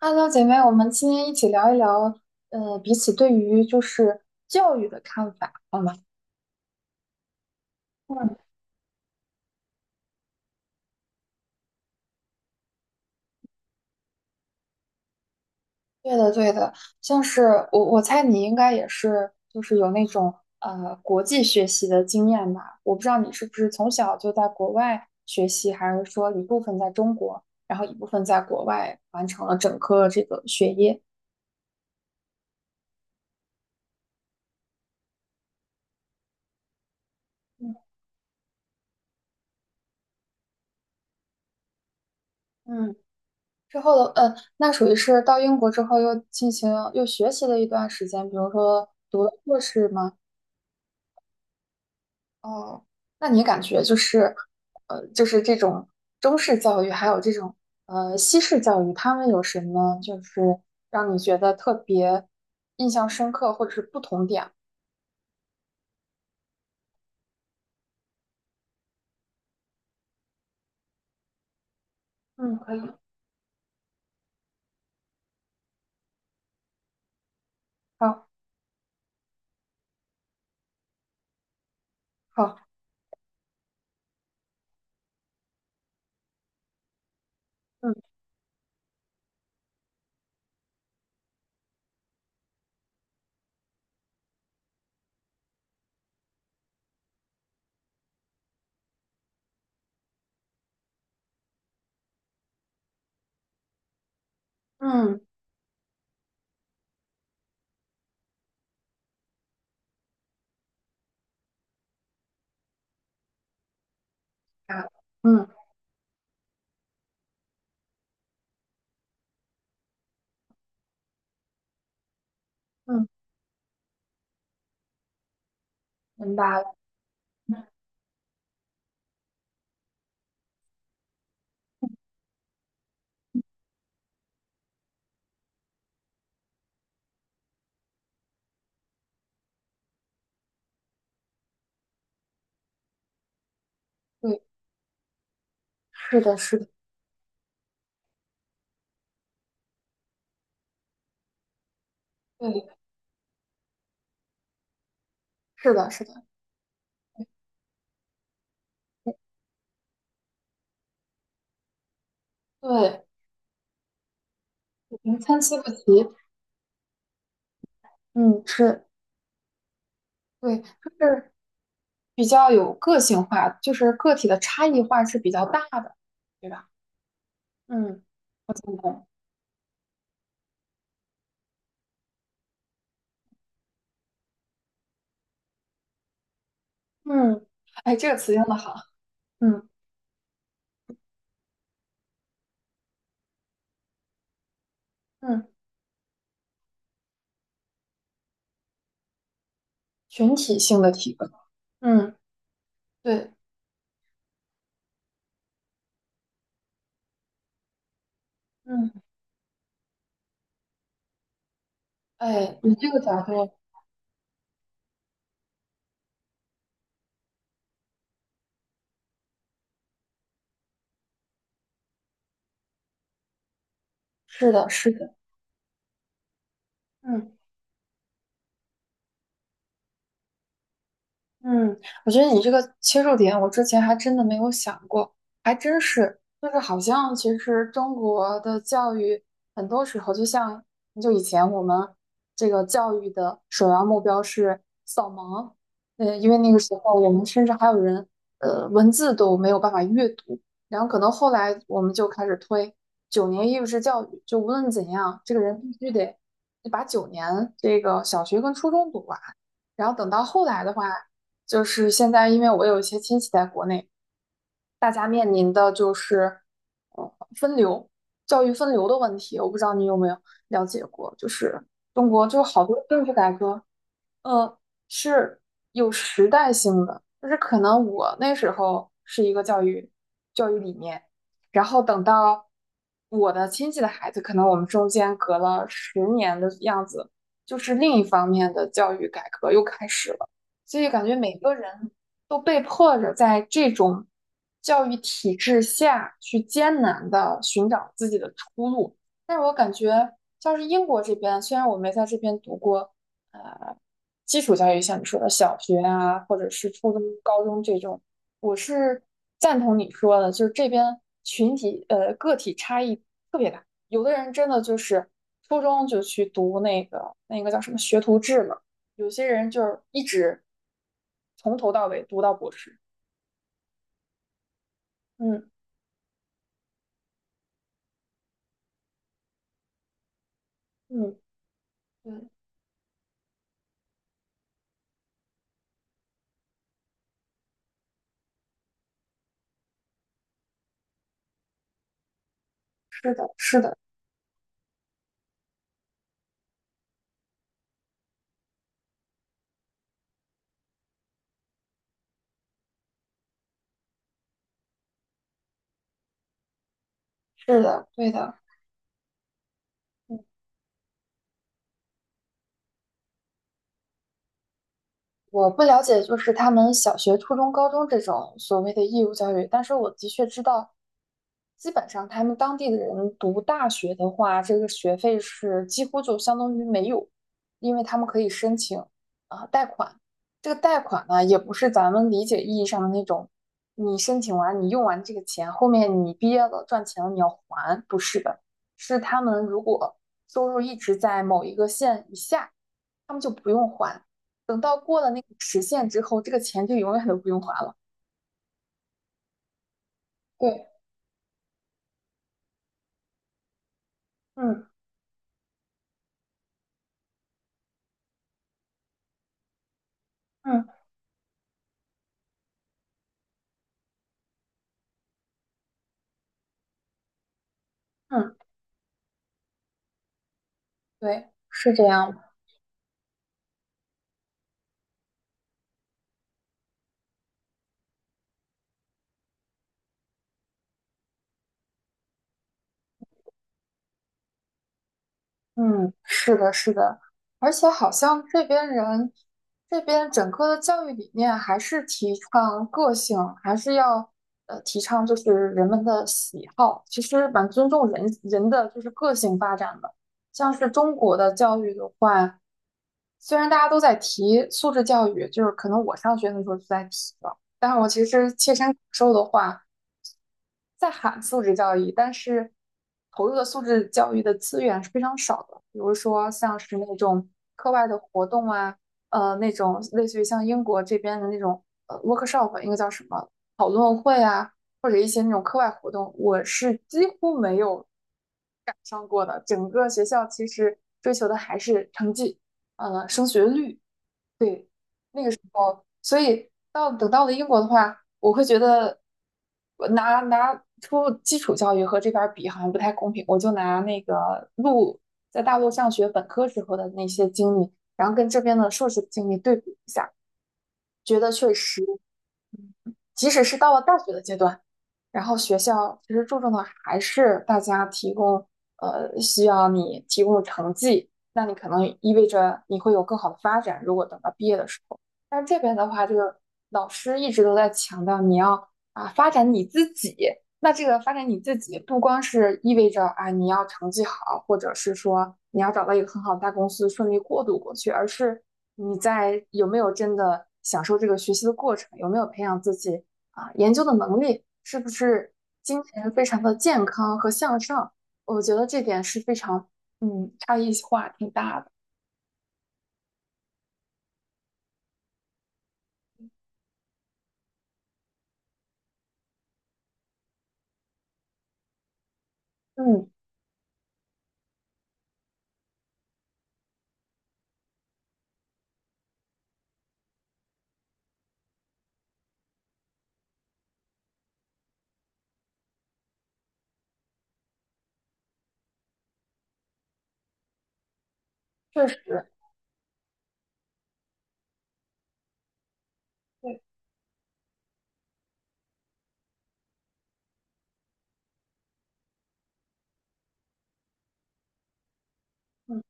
Hello，姐妹，我们今天一起聊一聊，彼此对于就是教育的看法，好吗？嗯，对的，对的，像是我猜你应该也是，就是有那种国际学习的经验吧？我不知道你是不是从小就在国外学习，还是说一部分在中国，然后一部分在国外完成了整个这个学业。嗯嗯，之后的，那属于是到英国之后又进行又学习了一段时间，比如说读了硕士吗？哦，那你感觉就是，就是这种中式教育，还有这种西式教育，他们有什么就是让你觉得特别印象深刻，或者是不同点？嗯，可以，好，好，嗯嗯啊，嗯嗯，明白了。嗯对，是的，是的，对，是的，是的，对，零参差不齐，嗯，是，对，就是比较有个性化，就是个体的差异化是比较大的，对吧？嗯，我赞同。嗯，哎，这个词用的好。嗯嗯，群体性的提高。嗯，对，嗯，哎，你这个角度是的，是的。嗯。嗯，我觉得你这个切入点，我之前还真的没有想过，还真是，就是好像其实中国的教育很多时候，就像很久以前我们这个教育的首要目标是扫盲，因为那个时候我们甚至还有人文字都没有办法阅读，然后可能后来我们就开始推九年义务制教育，就无论怎样，这个人必须得把九年这个小学跟初中读完。然后等到后来的话，就是现在，因为我有一些亲戚在国内，大家面临的就是，呃，分流，教育分流的问题。我不知道你有没有了解过，就是中国就好多政治改革，呃，是有时代性的，就是可能我那时候是一个教育理念，然后等到我的亲戚的孩子，可能我们中间隔了十年的样子，就是另一方面的教育改革又开始了，所以感觉每个人都被迫着在这种教育体制下去艰难的寻找自己的出路，但是我感觉像是英国这边，虽然我没在这边读过。基础教育，像你说的小学啊，或者是初中、高中这种，我是赞同你说的，就是这边群体个体差异特别大，有的人真的就是初中就去读那个叫什么学徒制嘛，有些人就是一直从头到尾读到博士。嗯嗯，对，是的，是的，是的，对的。嗯我不了解，就是他们小学、初中、高中这种所谓的义务教育，但是我的确知道，基本上他们当地的人读大学的话，这个学费是几乎就相当于没有，因为他们可以申请啊贷款。这个贷款呢，也不是咱们理解意义上的那种，你申请完你用完这个钱，后面你毕业了赚钱了你要还，不是的，是他们如果收入一直在某一个线以下，他们就不用还。等到过了那个时限之后，这个钱就永远都不用还了。对，嗯嗯嗯，对，是这样。嗯，是的，是的，而且好像这边人，这边整个的教育理念还是提倡个性，还是要提倡就是人们的喜好，其实蛮尊重人人的就是个性发展的。像是中国的教育的话，虽然大家都在提素质教育，就是可能我上学的时候就在提了，但是我其实切身感受的话。在喊素质教育，但是投入的素质教育的资源是非常少的。比如说像是那种课外的活动啊，那种类似于像英国这边的那种workshop，应该叫什么讨论会啊，或者一些那种课外活动，我是几乎没有赶上过的。整个学校其实追求的还是成绩，升学率。对，所以到等到了英国的话，我会觉得我拿出基础教育和这边儿比好像不太公平。我就拿那个在大陆上学本科时候的那些经历，然后跟这边的硕士经历对比一下，觉得确实。即使是到了大学的阶段，然后学校其实注重的还是大家提供，需要你提供的成绩，那你可能意味着你会有更好的发展。如果等到毕业的时候，但是这边的话，这个老师一直都在强调你要发展你自己。那这个发展你自己，不光是意味着你要成绩好，或者是说你要找到一个很好的大公司顺利过渡过去，而是你在有没有真的享受这个学习的过程，有没有培养自己研究的能力是不是精神非常的健康和向上？我觉得这点是非常，差异化挺大的。嗯，确实，对，嗯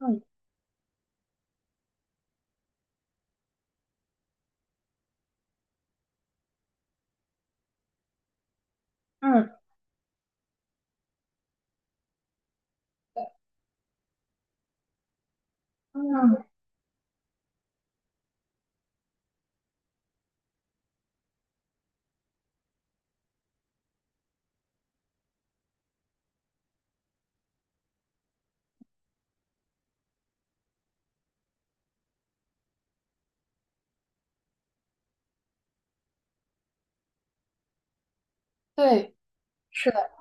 嗯嗯嗯，对，是的。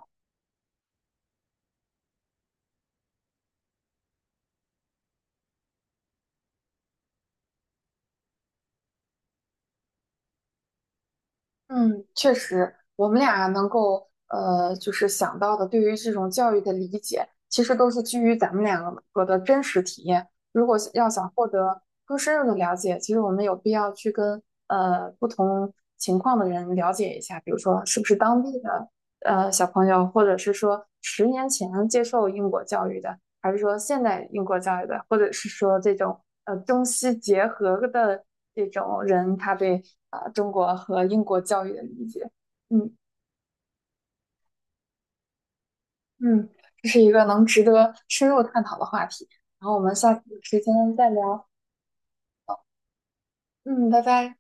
嗯，确实，我们俩能够就是想到的，对于这种教育的理解，其实都是基于咱们两个的真实体验。如果是要想获得更深入的了解，其实我们有必要去跟不同情况的人了解一下，比如说是不是当地的小朋友，或者是说十年前接受英国教育的，还是说现代英国教育的，或者是说这种中西结合的这种人，他对啊中国和英国教育的理解。嗯嗯，这是一个能值得深入探讨的话题。然后我们下次有时间再聊。嗯，拜拜。